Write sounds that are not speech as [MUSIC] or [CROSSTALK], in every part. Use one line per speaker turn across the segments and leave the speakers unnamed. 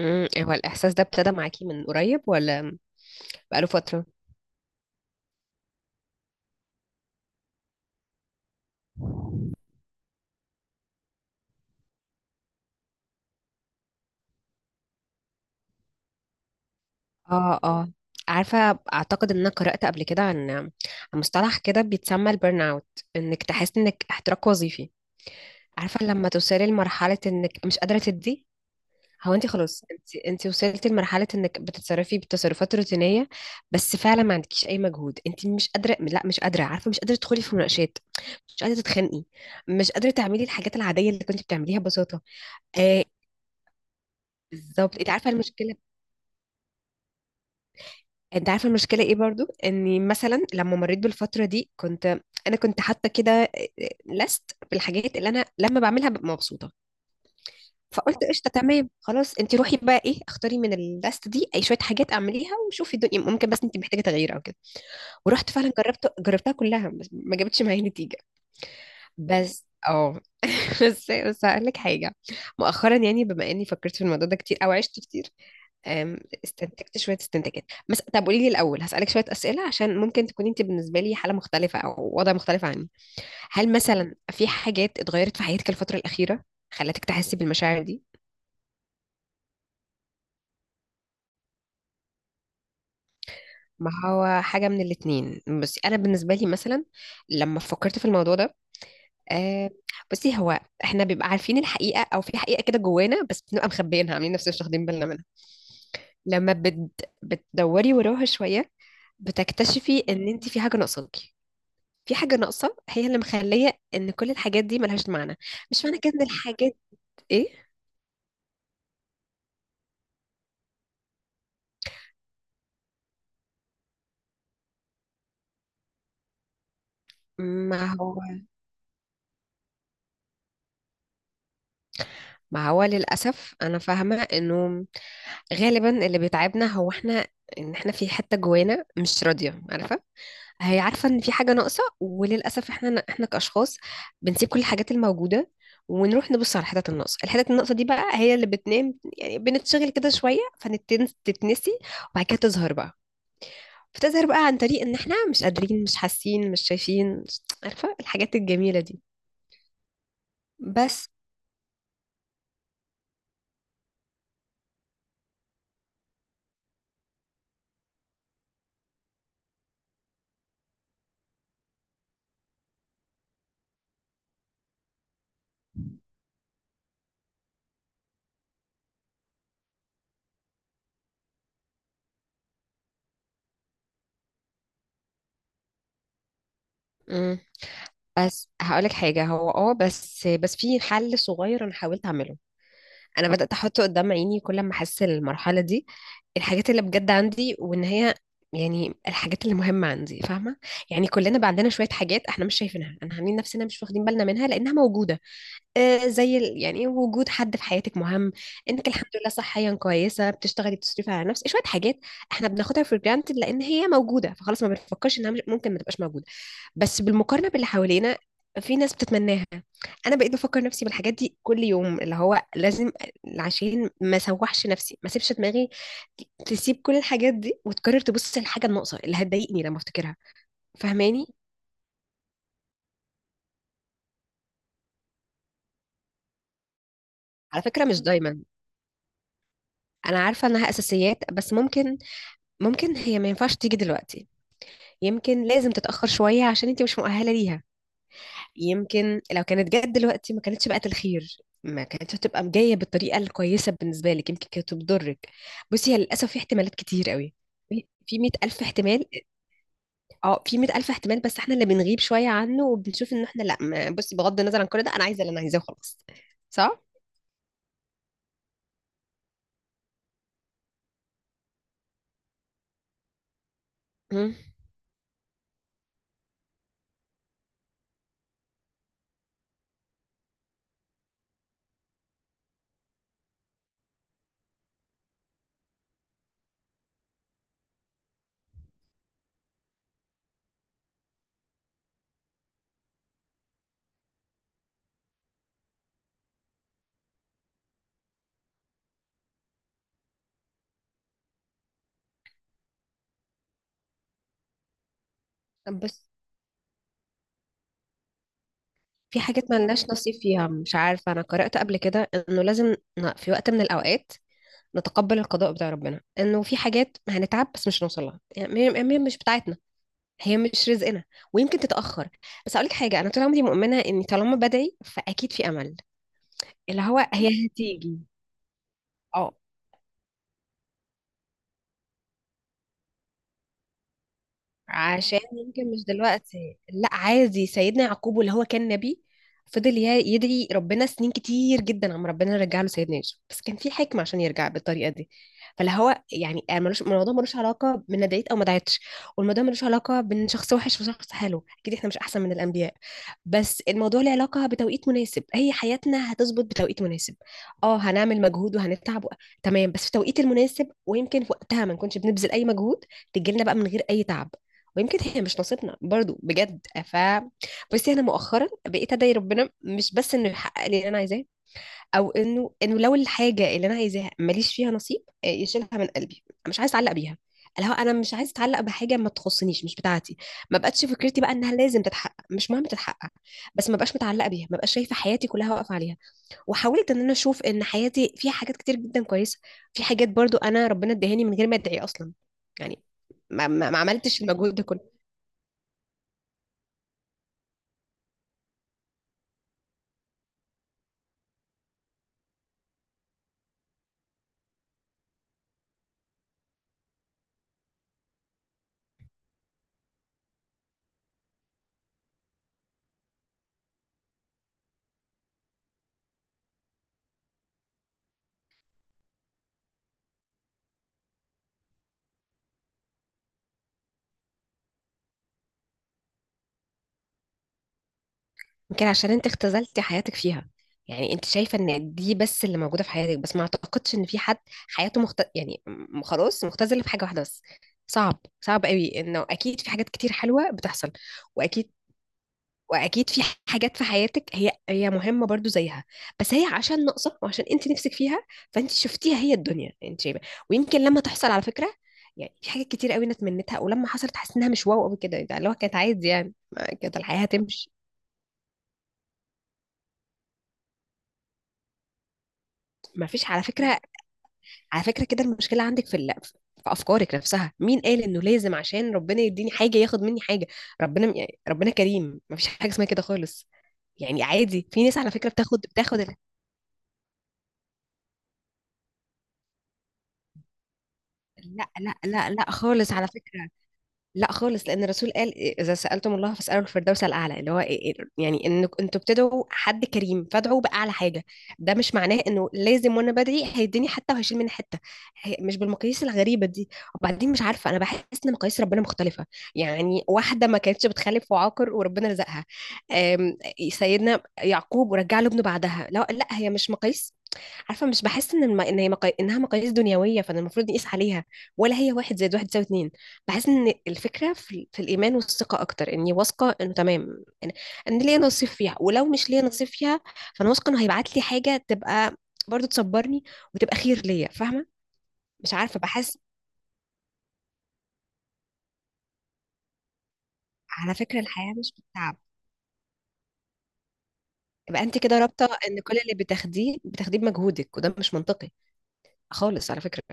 هو الإحساس ده ابتدى معاكي من قريب ولا بقاله فترة؟ اه، اه، عارفة، أعتقد إن أنا قرأت قبل كده عن مصطلح كده بيتسمى البرن أوت، إنك تحس إنك احتراق وظيفي. عارفة لما توصلي لمرحلة إنك مش قادرة تدي، هو أنت خلاص أنت وصلتي لمرحلة إنك بتتصرفي بتصرفات روتينية، بس فعلا ما عندكيش أي مجهود، أنت مش قادرة، لا مش قادرة، عارفة مش قادرة تدخلي في مناقشات، مش قادرة تتخانقي، مش قادرة تعملي الحاجات العادية اللي كنت بتعمليها ببساطة. آه، بالظبط أنت عارفة المشكلة. انت عارفه المشكله ايه؟ برضو اني مثلا لما مريت بالفتره دي انا كنت حاطه كده لست بالحاجات اللي انا لما بعملها ببقى مبسوطه، فقلت قشطه، تمام، خلاص انت روحي بقى، ايه، اختاري من اللست دي اي شويه حاجات اعمليها وشوفي الدنيا، ممكن بس انت محتاجه تغيير او كده. ورحت فعلا جربتها كلها بس ما جابتش معايا نتيجه. بس [LAUGHS] بس هقول لك حاجه. مؤخرا يعني بما اني فكرت في الموضوع ده كتير او عشت كتير، استنتجت شوية استنتاجات. بس طب قولي لي الأول، هسألك شوية أسئلة عشان ممكن تكوني أنت بالنسبة لي حالة مختلفة أو وضع مختلف عني. هل مثلا في حاجات اتغيرت في حياتك الفترة الأخيرة خلتك تحسي بالمشاعر دي؟ ما هو حاجة من الاتنين، بس أنا بالنسبة لي مثلا لما فكرت في الموضوع ده، أه، بصي هو احنا بيبقى عارفين الحقيقة أو في حقيقة كده جوانا، بس بنبقى مخبيينها عاملين نفسنا مش واخدين بالنا منها. لما بت... بتدوري وراها شوية بتكتشفي إن أنت في حاجة ناقصاكي، في حاجة ناقصة هي اللي مخلية ان كل الحاجات دي ملهاش معنى. مش معنى كده ان الحاجات ايه، ما هو ما هو للأسف أنا فاهمة إنه غالبا اللي بيتعبنا هو إحنا، إن إحنا في حتة جوانا مش راضية، عارفة هي عارفة إن في حاجة ناقصة. وللأسف إحنا كأشخاص بنسيب كل الحاجات الموجودة ونروح نبص على الحتت الناقصة. الحتت الناقصة دي بقى هي اللي بتنام، يعني بنتشغل كده شوية فتتنسي، وبعد كده تظهر بقى، بتظهر بقى عن طريق ان احنا مش قادرين، مش حاسين، مش شايفين، عارفة الحاجات الجميلة دي. بس مم. بس هقولك حاجة، هو بس في حل صغير انا حاولت اعمله، انا بدأت احطه قدام عيني كل ما احس المرحلة دي الحاجات اللي بجد عندي، وان هي يعني الحاجات اللي مهمة عندي، فاهمة؟ يعني كلنا بقى عندنا شوية حاجات احنا مش شايفينها، انا عاملين نفسنا مش واخدين بالنا منها لانها موجودة. آه، يعني إيه وجود حد في حياتك مهم، انك الحمد لله صحيا كويسه، بتشتغلي، بتصرفي على نفسك شويه حاجات. احنا بناخدها في جرانتد لان هي موجوده فخلاص، ما بنفكرش انها ممكن ما تبقاش موجوده. بس بالمقارنه باللي حوالينا في ناس بتتمناها. انا بقيت بفكر نفسي بالحاجات دي كل يوم، اللي هو لازم عشان ما سوحش نفسي، ما سيبش دماغي تسيب كل الحاجات دي وتقرر تبص للحاجه الناقصه اللي هتضايقني لما افتكرها. فاهماني؟ على فكره مش دايما، انا عارفه انها اساسيات، بس ممكن هي ما ينفعش تيجي دلوقتي. يمكن لازم تتأخر شوية عشان انت مش مؤهلة ليها، يمكن لو كانت جت دلوقتي ما كانتش بقت الخير، ما كانتش هتبقى جاية بالطريقة الكويسة بالنسبة لك، يمكن كانت بتضرك. بصي هي للأسف في احتمالات كتير قوي، في 100 ألف احتمال، اه، في 100 ألف احتمال، بس احنا اللي بنغيب شوية عنه وبنشوف ان احنا لا، بصي بغض النظر عن كل ده انا عايزة اللي انا عايزاه وخلاص. صح؟ مم. طب بس في حاجات ما لناش نصيب فيها، مش عارفة، أنا قرأت قبل كده إنه لازم في وقت من الأوقات نتقبل القضاء بتاع ربنا، انه في حاجات هنتعب بس مش هنوصل لها، يعني هي مش بتاعتنا، هي مش رزقنا، ويمكن تتأخر. بس اقول لك حاجة، انا طول عمري مؤمنة اني طالما بدعي فاكيد في امل، اللي هو هي هتيجي. اه، عشان يمكن مش دلوقتي. لا عادي، سيدنا يعقوب واللي هو كان نبي فضل يدعي ربنا سنين كتير جدا، عم ربنا يرجع له سيدنا يوسف، بس كان في حكمة عشان يرجع بالطريقة دي. فلا هو يعني ملوش، الموضوع ملوش علاقة بان أنا دعيت او ما دعيتش، والموضوع ملوش علاقة بان شخص وحش وشخص حلو، اكيد احنا مش احسن من الانبياء. بس الموضوع له علاقة بتوقيت مناسب، هي حياتنا هتظبط بتوقيت مناسب. اه، هنعمل مجهود وهنتعب تمام، بس في التوقيت المناسب، ويمكن في وقتها ما نكونش بنبذل اي مجهود، تجيلنا بقى من غير اي تعب. ويمكن هي مش نصيبنا برضو بجد، بصي انا مؤخرا بقيت ادعي ربنا مش بس انه يحقق لي اللي انا عايزاه، او انه لو الحاجه اللي انا عايزاها ماليش فيها نصيب، يشيلها من قلبي، مش عايز اتعلق بيها، اللي هو انا مش عايز اتعلق بحاجه ما تخصنيش مش بتاعتي. ما بقتش فكرتي بقى انها لازم تتحقق، مش مهم تتحقق، بس ما بقاش متعلقه بيها، ما بقاش شايفه حياتي كلها واقفه عليها. وحاولت ان انا اشوف ان حياتي فيها حاجات كتير جدا كويسه، في حاجات برضو انا ربنا اداهاني من غير ما ادعي اصلا، يعني ما عملتش المجهود ده كله. يمكن عشان انت اختزلتي حياتك فيها، يعني انت شايفه ان دي بس اللي موجوده في حياتك، بس ما اعتقدش ان في حد حياته خلاص مختزله في حاجه واحده بس، صعب، صعب قوي انه اكيد في حاجات كتير حلوه بتحصل، واكيد واكيد في حاجات في حياتك هي مهمه برضو زيها، بس هي عشان ناقصه وعشان انت نفسك فيها فانت شفتيها هي الدنيا انت شايفه. ويمكن لما تحصل، على فكره يعني في حاجات كتير قوي انا اتمنيتها ولما حصلت حاسس انها مش واو قوي كده، يعني اللي هو كانت عادي، يعني كانت الحياه هتمشي. ما فيش على فكرة. على فكرة كده المشكلة عندك في أفكارك نفسها، مين قال إنه لازم عشان ربنا يديني حاجة ياخد مني حاجة؟ ربنا، يعني ربنا كريم، مفيش حاجة اسمها كده خالص. يعني عادي في ناس على فكرة بتاخد، لا، لا، لا، لا، خالص على فكرة، لا خالص. لان الرسول قال اذا سالتم الله فاسالوا الفردوس الاعلى، اللي هو إيه إيه، يعني ان انتوا بتدعوا حد كريم فادعوا باعلى حاجه. ده مش معناه انه لازم وانا بدعي هيديني حته وهيشيل مني حته، مش بالمقاييس الغريبه دي. وبعدين مش عارفه، انا بحس ان مقاييس ربنا مختلفه، يعني واحده ما كانتش بتخلف وعاقر وربنا رزقها، آم، سيدنا يعقوب ورجع له ابنه بعدها. لا، لا، هي مش مقاييس، عارفه مش بحس ان انها مقاييس دنيويه فانا المفروض نقيس عليها، ولا هي واحد زائد واحد يساوي اتنين. بحس ان الفكره في الايمان والثقه، اكتر اني واثقه انه تمام، إن ليا نصيب فيها ولو مش ليا نصيب فيها فانا واثقه انه هيبعت لي حاجه تبقى برضو تصبرني وتبقى خير ليا، فاهمه؟ مش عارفه بحس على فكره الحياه مش بالتعب، يبقى انت كده رابطه ان كل اللي بتاخديه بتاخديه بمجهودك، وده مش منطقي خالص على فكره.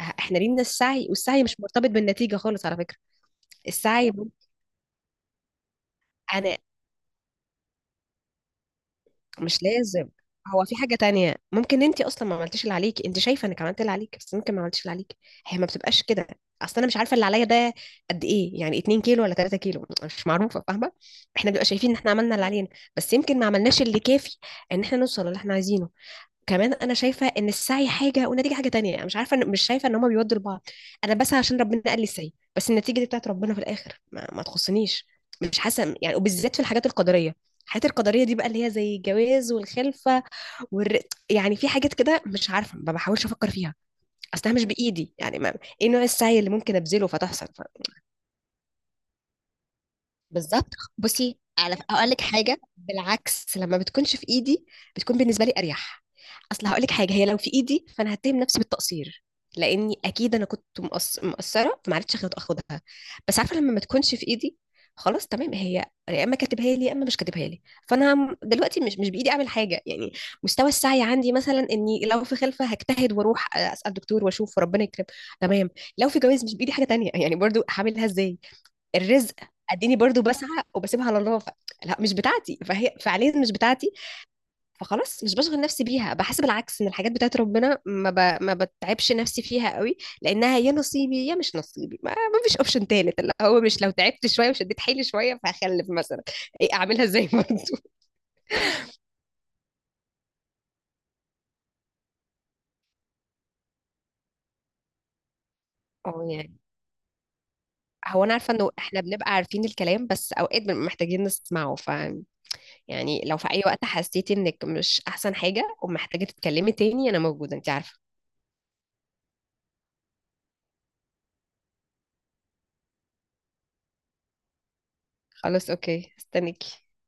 احنا لينا السعي، والسعي مش مرتبط بالنتيجه خالص على فكره. السعي انا مش لازم، هو في حاجة تانية، ممكن انت اصلا ما عملتيش اللي عليكي، انت شايفة انك عملت اللي عليكي بس ممكن ما عملتيش اللي عليكي، هي ما بتبقاش كده. اصل انا مش عارفة اللي عليا ده قد ايه، يعني 2 كيلو ولا 3 كيلو؟ مش معروفة، فاهمة؟ احنا بنبقى شايفين ان احنا عملنا اللي علينا، بس يمكن ما عملناش اللي كافي ان احنا نوصل اللي احنا عايزينه. كمان انا شايفه ان السعي حاجه والنتيجه حاجه تانية، يعني مش عارفه، مش شايفه ان هما بيودوا لبعض. انا بسعى عشان ربنا قال لي السعي، بس النتيجه دي بتاعت ربنا في الاخر ما تخصنيش، مش حاسه يعني. وبالذات في الحاجات القدريه، الحاجات القدريه دي بقى اللي هي زي الجواز والخلفه والر... يعني في حاجات كده مش عارفه ما بحاولش افكر فيها، اصلها مش بايدي، يعني ما... ايه نوع السعي اللي ممكن ابذله فتحصل؟ بالظبط، بصي هقول لك حاجه، بالعكس لما بتكونش في ايدي بتكون بالنسبه لي اريح. اصل هقول لك حاجه، هي لو في ايدي فانا هتهم نفسي بالتقصير، لاني اكيد انا كنت مقصره فما عرفتش اخدها، بس عارفه لما ما تكونش في ايدي خلاص تمام، هي يا اما كاتبها لي يا اما مش كاتبها لي، فانا دلوقتي مش بايدي اعمل حاجه يعني. مستوى السعي عندي مثلا اني لو في خلفه هجتهد واروح اسال دكتور واشوف وربنا يكرم، تمام. لو في جواز مش بايدي حاجه تانية، يعني برضو هعملها ازاي؟ الرزق اديني برضو بسعى وبسيبها على الله لا مش بتاعتي، فهي فعليا مش بتاعتي فخلاص مش بشغل نفسي بيها. بحس بالعكس ان الحاجات بتاعت ربنا ما بتعبش نفسي فيها قوي، لانها يا نصيبي يا مش نصيبي، ما فيش اوبشن تالت، اللي هو مش لو تعبت شويه وشديت حيلي شويه فهخلف مثلا، ايه اعملها ازاي برضو. اه يعني هو انا عارفه انه احنا بنبقى عارفين الكلام، بس اوقات بنبقى محتاجين نسمعه، يعني لو في اي وقت حسيتي انك مش احسن حاجه ومحتاجه تتكلمي تاني انا موجوده، انت عارفه. خلاص اوكي، استنيكي.